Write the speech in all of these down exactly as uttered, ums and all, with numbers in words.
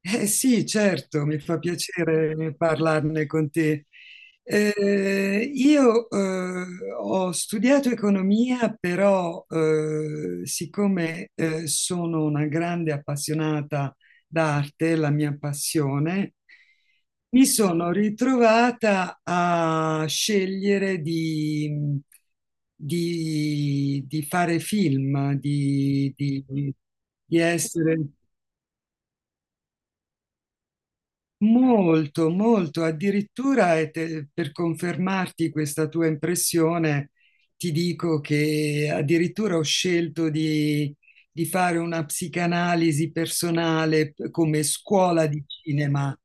Eh sì, certo, mi fa piacere parlarne con te. Eh, io eh, ho studiato economia, però eh, siccome eh, sono una grande appassionata d'arte, la mia passione, mi sono ritrovata a scegliere di, di- di fare film, di, di- di essere molto, molto, addirittura e te- per confermarti questa tua impressione, ti dico che addirittura ho scelto di, di fare una psicanalisi personale p- come scuola di cinema.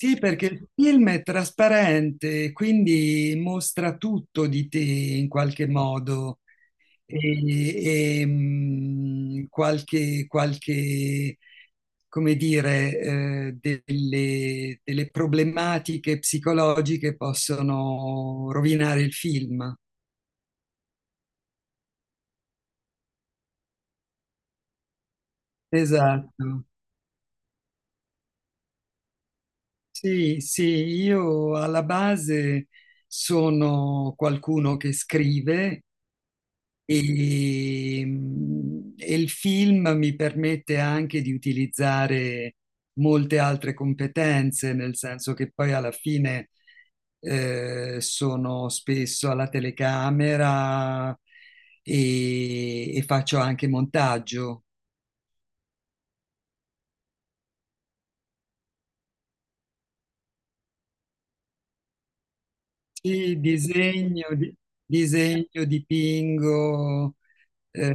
Sì, perché il film è trasparente, quindi mostra tutto di te in qualche modo. E, e, mh, qualche, qualche, come dire, eh, delle, delle problematiche psicologiche possono rovinare il film. Esatto. Sì, sì, io alla base sono qualcuno che scrive. E, mm, e il film mi permette anche di utilizzare molte altre competenze, nel senso che poi alla fine eh, sono spesso alla telecamera e, e faccio anche montaggio. Sì, disegno, di- disegno, dipingo. eh,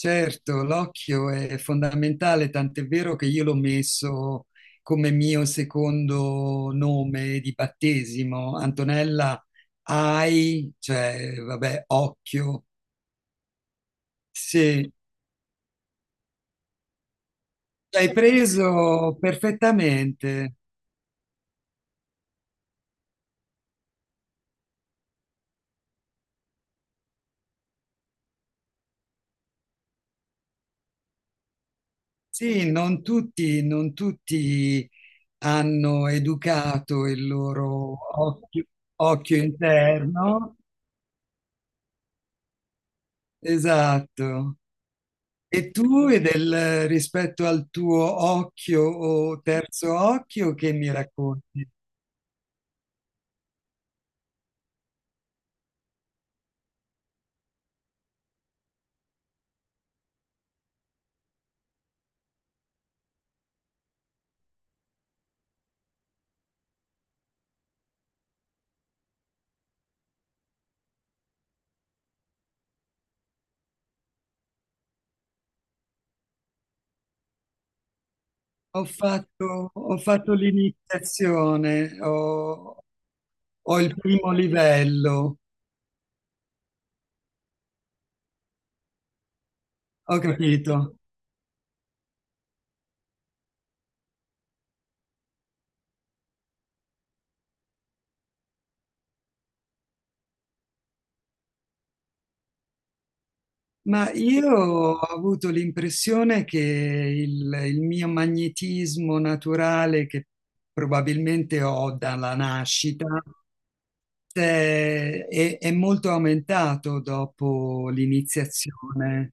Certo, l'occhio è fondamentale, tant'è vero che io l'ho messo come mio secondo nome di battesimo. Antonella, hai, cioè, vabbè, occhio. Sì, hai preso perfettamente. Sì, non tutti, non tutti hanno educato il loro occhio, occhio interno. Esatto. E tu e del rispetto al tuo occhio o terzo occhio che mi racconti? Ho fatto, ho fatto l'iniziazione, ho, ho il primo livello, ho capito. Ma io ho avuto l'impressione che il, il mio magnetismo naturale, che probabilmente ho dalla nascita, è, è- è molto aumentato dopo l'iniziazione.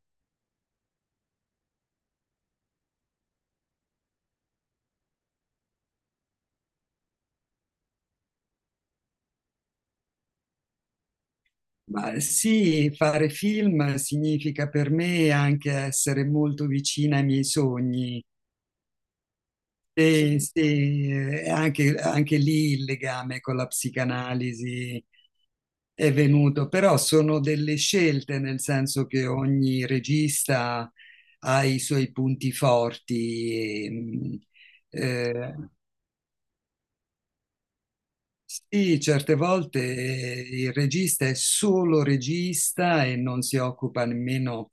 Ma sì, fare film significa per me anche essere molto vicina ai miei sogni. E sì, se- anche, anche lì il legame con la psicanalisi è venuto, però sono delle scelte, nel senso che ogni regista ha i suoi punti forti. e, mh, eh, sì, certe volte eh, il regista è solo regista e non si occupa nemmeno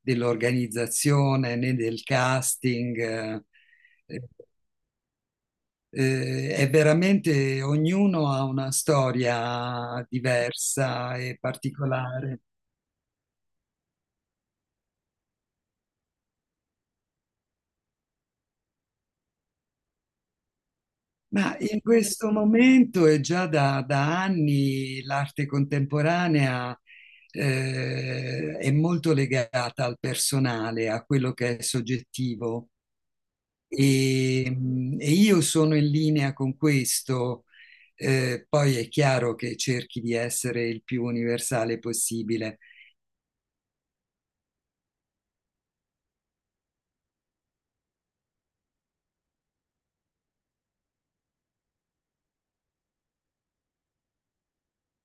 dell'organizzazione né del casting. Eh, eh, è veramente ognuno ha una storia diversa e particolare. Ma in questo momento e già da, da anni l'arte contemporanea eh, è molto legata al personale, a quello che è soggettivo. E, mm, e io sono in linea con questo. Eh, poi è chiaro che cerchi di essere il più universale possibile.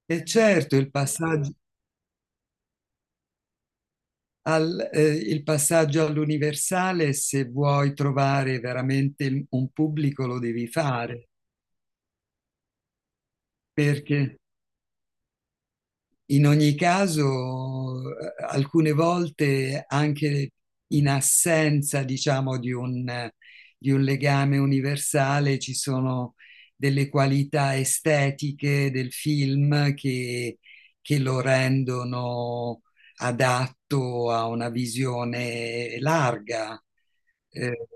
E certo, il passaggio, al- eh, il passaggio all'universale, se vuoi trovare veramente il- un pubblico, lo devi fare, perché in ogni caso, eh, alcune volte anche in assenza, diciamo, di un, di un legame universale, ci sono delle qualità estetiche del film che, che lo rendono adatto a una visione larga, eh,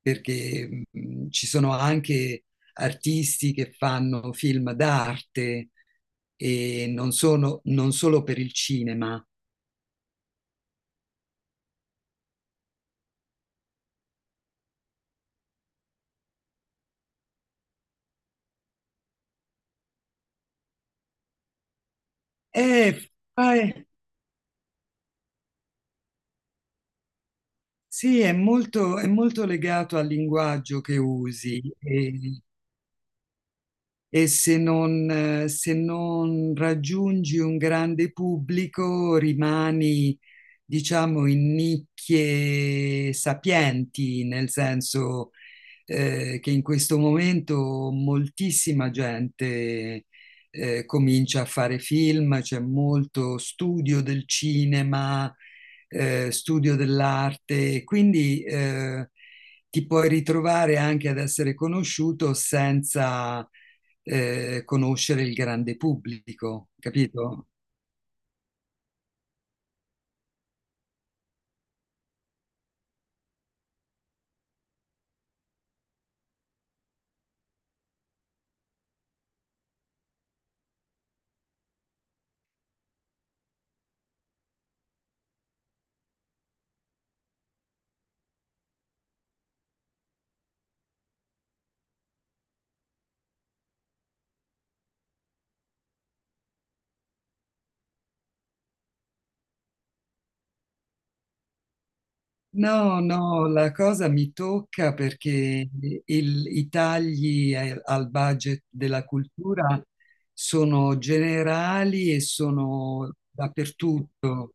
perché mh, ci sono anche artisti che fanno film d'arte e non sono, non solo per il cinema. È, fa- sì, è molto, è molto legato al linguaggio che usi e, e se non, eh, se non raggiungi un grande pubblico rimani, diciamo, in nicchie sapienti, nel senso eh, che in questo momento moltissima gente eh, comincia a fare film, c'è molto studio del cinema, eh, studio dell'arte, quindi eh, ti puoi ritrovare anche ad essere conosciuto senza eh, conoscere il grande pubblico, capito? No, no, la cosa mi tocca perché il- i tagli ai- al budget della cultura sono generali e sono dappertutto.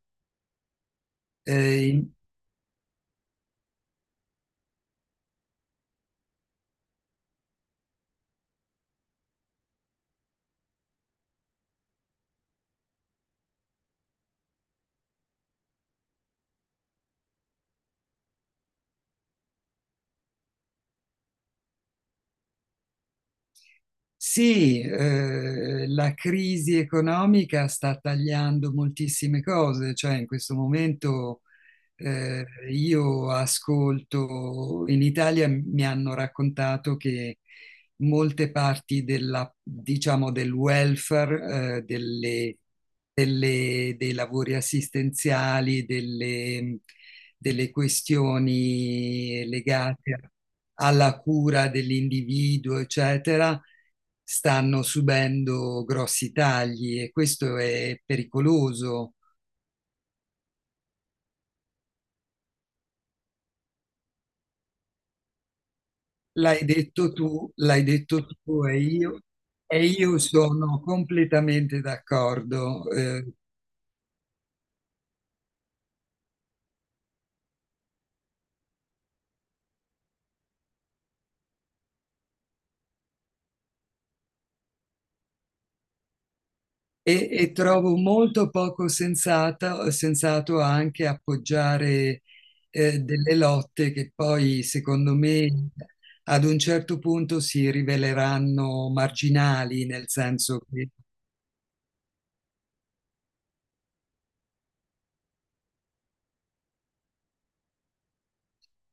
Eh, in- sì, eh, la crisi economica sta tagliando moltissime cose, cioè in questo momento Eh, io ascolto, in Italia mi hanno raccontato che molte parti della, diciamo, del welfare, eh, delle, delle- dei lavori assistenziali, delle, delle questioni legate a alla cura dell'individuo, eccetera, stanno subendo grossi tagli e questo è pericoloso. L'hai detto tu, l'hai detto tu e io, e io sono completamente d'accordo. Eh, e, e trovo molto poco sensata- sensato anche appoggiare eh, delle lotte che poi, secondo me, ad un certo punto si riveleranno marginali, nel senso che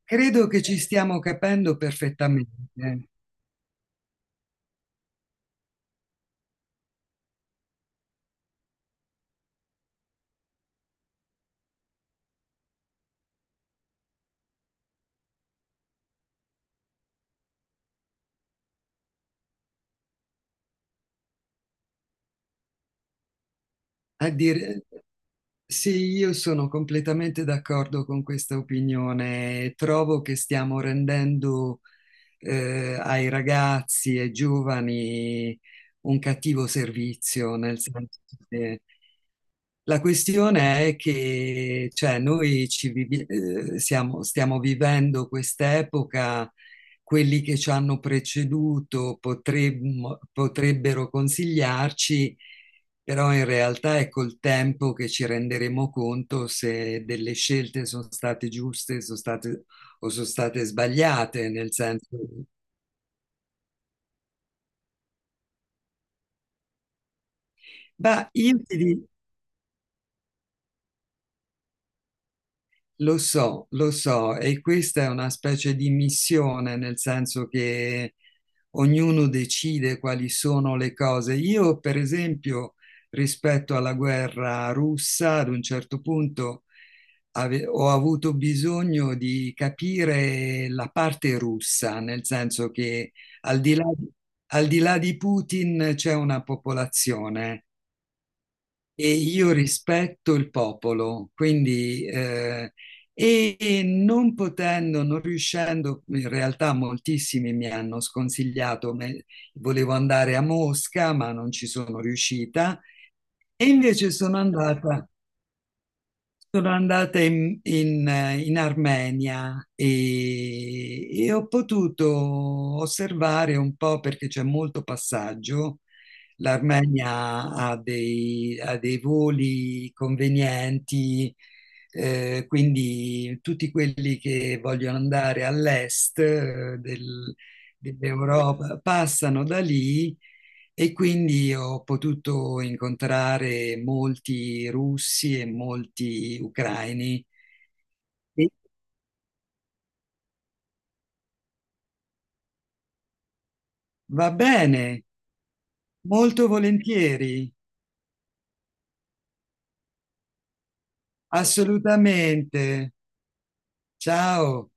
credo che ci stiamo capendo perfettamente. eh. A dire, sì, io sono completamente d'accordo con questa opinione. Trovo che stiamo rendendo eh, ai ragazzi e giovani un cattivo servizio, nel senso che la questione è che cioè, noi ci vivi- eh, siamo- stiamo vivendo quest'epoca. Quelli che ci hanno preceduto potremmo- potrebbero consigliarci, però in realtà è col tempo che ci renderemo conto se delle scelte sono state giuste, sono state o sono state sbagliate, nel senso... Ma io ti di- lo so, lo so, e questa è una specie di missione, nel senso che ognuno decide quali sono le cose. Io, per esempio, rispetto alla guerra russa, ad un certo punto ave- ho avuto bisogno di capire la parte russa, nel senso che al di là, di, al di là di Putin c'è una popolazione e io rispetto il popolo, quindi eh, e e non potendo, non riuscendo, in realtà moltissimi mi hanno sconsigliato, me- volevo andare a Mosca, ma non ci sono riuscita, e invece sono andata. Sono andata in, in- in Armenia e, e ho potuto osservare un po' perché c'è molto passaggio. L'Armenia ha dei, ha dei voli convenienti, eh, quindi tutti quelli che vogliono andare all'est, eh, del- dell'Europa passano da lì e quindi ho potuto incontrare molti russi e molti ucraini. E va bene, molto volentieri, assolutamente. Ciao.